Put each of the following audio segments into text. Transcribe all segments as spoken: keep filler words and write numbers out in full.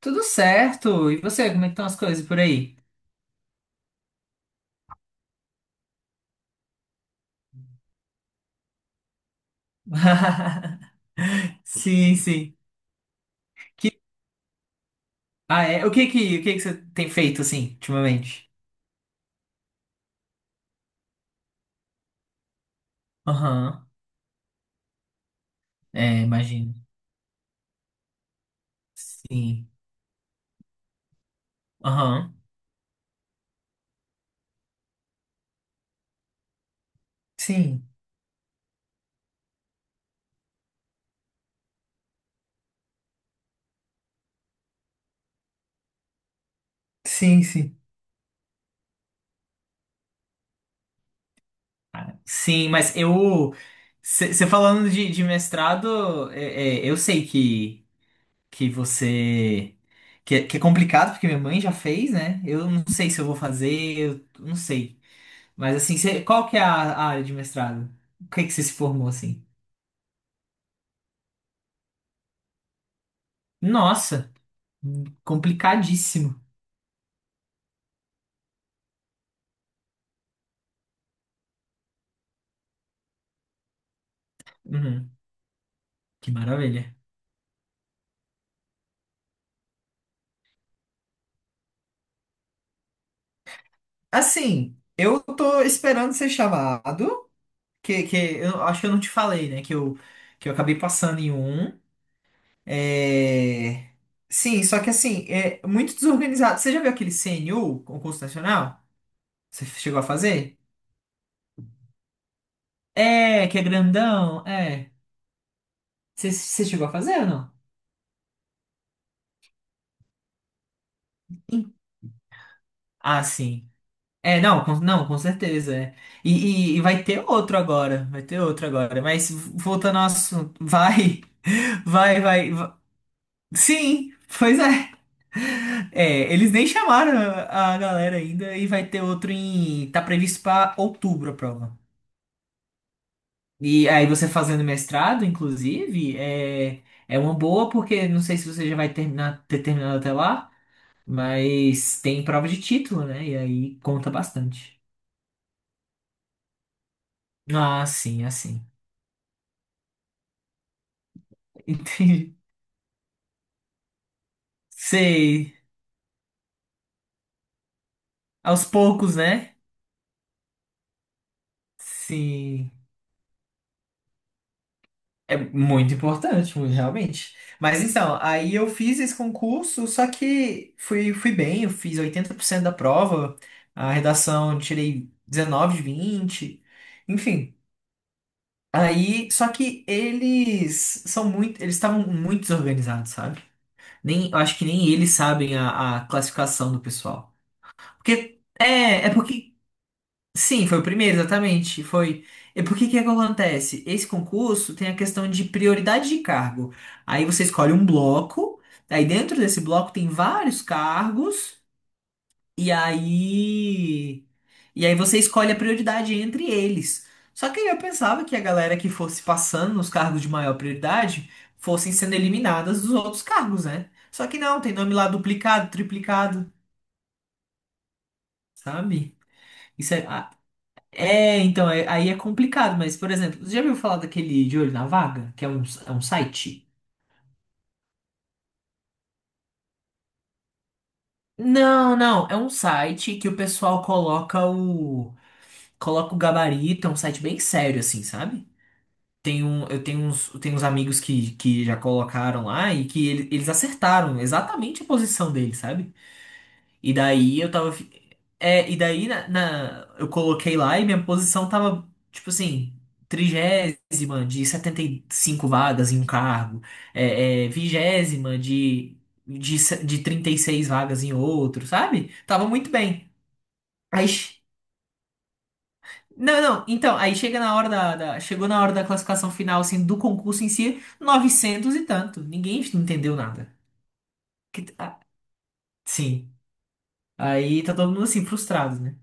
Tudo certo. E você, como é que estão as coisas por aí? Sim, sim. Ah, é. O que que, o que que você tem feito assim, ultimamente? Aham. É, imagino. Sim. Aham. Sim. Sim, sim. Sim, mas eu. Você falando de, de mestrado, é, é, eu sei que, que você. Que, é- que é complicado, porque minha mãe já fez, né? Eu não sei se eu vou fazer, eu não sei. Mas assim, você- qual que é a, a área de mestrado? O que é que você se formou assim? Nossa, complicadíssimo. Uhum, que maravilha. Assim, eu tô esperando ser chamado, que, que eu acho que eu não te falei, né? Que eu, que eu acabei passando em um. É... Sim, só que assim, é muito desorganizado. Você já viu aquele C N U, concurso nacional? Você chegou a fazer? É, que é grandão, é. Você você chegou a fazer ou não? Sim. Ah, sim. É, não, com, não, com certeza. É. E, e- e vai ter outro agora, vai ter outro agora. Mas voltando ao assunto, vai, vai, vai, va- Sim, pois é. É, eles nem chamaram a a galera ainda e vai ter outro em. Tá previsto pra outubro a prova. E aí você fazendo mestrado, inclusive, é, é uma boa porque não sei se você já vai terminar, ter terminado até lá, mas tem prova de título, né? E aí conta bastante. Ah, sim, assim. Entendi. Sei. Aos poucos, né? Sim. É muito importante, muito, realmente. Mas então, aí eu fiz esse concurso, só que fui, fui bem, eu fiz oitenta por cento da prova, a redação eu tirei dezenove de vinte, enfim. Aí, só que eles são muito, eles estavam muito desorganizados, sabe? Nem, eu acho que nem eles sabem a, a classificação do pessoal. Porque é, é porque. Sim, foi o primeiro, exatamente. Foi. E por que que é que acontece? Esse concurso tem a questão de prioridade de cargo. Aí você escolhe um bloco, aí dentro desse bloco tem vários cargos, e aí. E aí você escolhe a prioridade entre eles. Só que eu pensava que a galera que fosse passando nos cargos de maior prioridade fossem sendo eliminadas dos outros cargos, né? Só que não, tem nome lá duplicado, triplicado, sabe? Isso é. É, então, é- aí é complicado, mas, por exemplo, você já viu falar daquele De Olho na Vaga? Que é um, é um site? Não, não, é um site que o pessoal coloca o coloca o gabarito, é um site bem sério assim, sabe? Tem um, eu tenho uns, eu tenho uns amigos que, que já colocaram lá e que ele- eles acertaram exatamente a posição dele, sabe? E daí eu tava. fi- É, e daí na, na- eu coloquei lá e minha posição tava, tipo assim, trigésima de setenta e cinco vagas em um cargo, é, é, vigésima de, de, se- de trinta e seis vagas em outro, sabe? Tava muito bem. Aí. che- Não, não, então, aí chega na hora da, da- Chegou na hora da classificação final, assim, do concurso em si, novecentos e tanto. Ninguém entendeu nada. Que- ah, sim. Aí tá todo mundo assim, frustrado, né?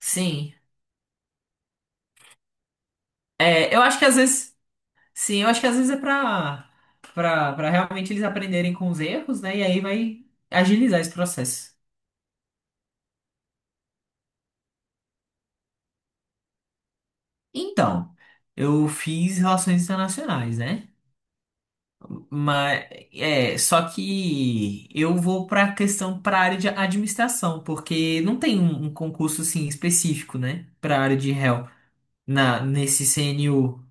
Sim. É, eu acho que às vezes, sim, eu acho que às vezes é pra, pra, pra realmente eles aprenderem com os erros, né? E aí vai agilizar esse processo. Então, eu fiz relações internacionais, né? Mas, é, só que eu vou pra questão, pra área de administração, porque não tem um, um concurso, assim, específico, né? Pra área de réu, na, nesse C N U.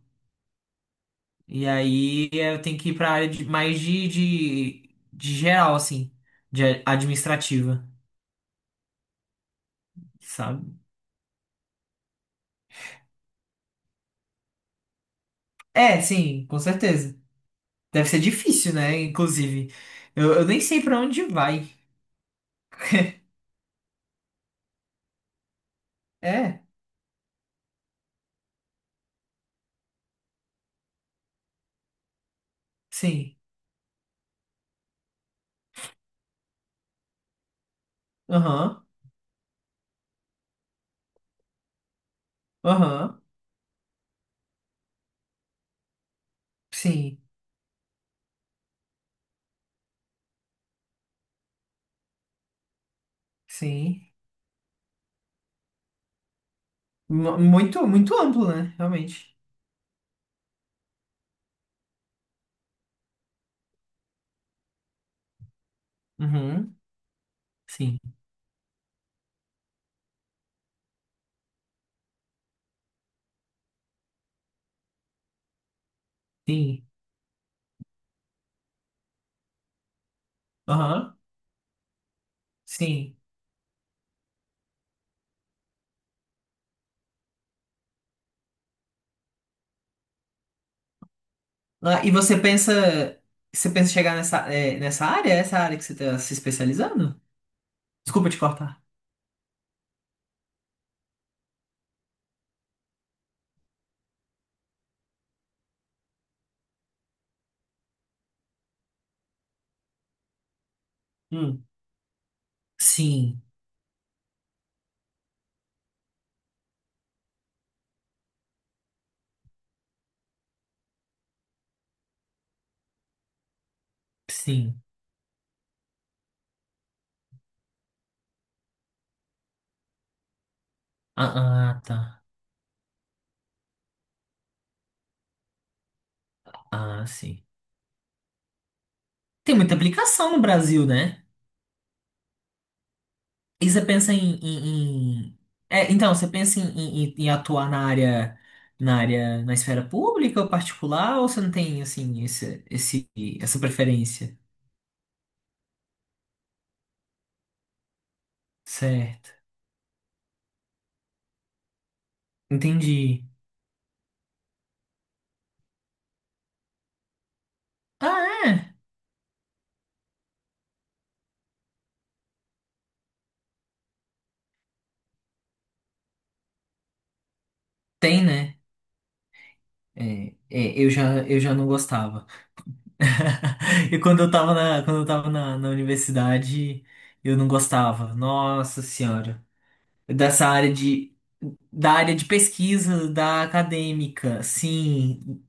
E aí eh, eu tenho que ir pra área de, mais de, de, de geral, assim, de a- administrativa. Sabe? É, sim, com certeza. Deve ser difícil, né? Inclusive, eu, eu nem sei pra onde vai. É, sim. Aham, aham. Sim, sim. Mu- Muito, muito amplo, né? Realmente. Uhum, sim, sim. Aham, sim. Ah, e você pensa, você pensa em chegar nessa, é, nessa área? É Essa área que você tá se especializando? Desculpa te cortar. Hum. Sim, sim. Ah, ah, tá. Ah, sim. Tem muita aplicação no Brasil, né? E você pensa em, em- em- É, então, você pensa em, em- em- em atuar na área, na área, na esfera pública ou particular, ou você não tem, assim, esse, esse, essa preferência? Certo. Entendi. Ah, é? Tem, né? É, é, eu já, eu já não gostava. E quando eu tava na, quando eu tava na, na universidade, eu não gostava. Nossa Senhora. Dessa área de, da área de pesquisa, da acadêmica, sim.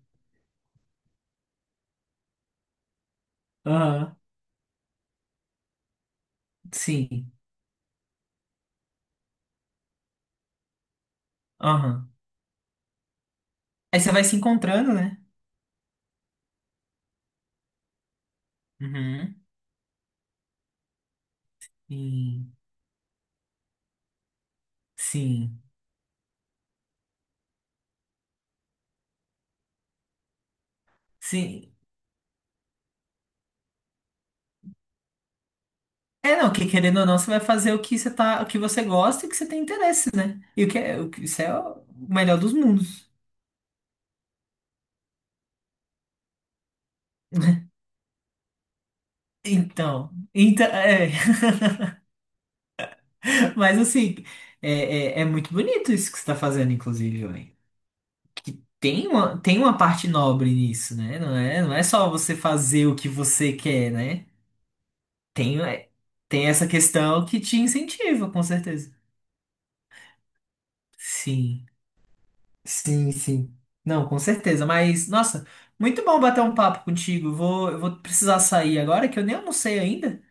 Sim. Aham. Aí você vai se encontrando, né? Uhum. E sim. Sim. É, não, que querendo ou não, você vai fazer o que você tá, o que você gosta e o que você tem interesse, né? E o que é, o que, isso é o melhor dos mundos. né? Então, então, é, mas assim, é, é, é muito bonito isso que você tá fazendo, inclusive, ué. Que tem uma, tem uma parte nobre nisso, né? Não é, não é só você fazer o que você quer, né? Tem, é, tem essa questão que te incentiva, com certeza. Sim, sim, sim. Não, com certeza. Mas, nossa, muito bom bater um papo contigo. Vou, eu vou precisar sair agora, que eu nem almocei ainda.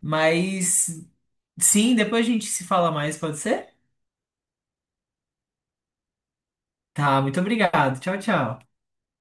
Mas, sim, depois a gente se fala mais, pode ser? Tá, muito obrigado. Tchau, tchau.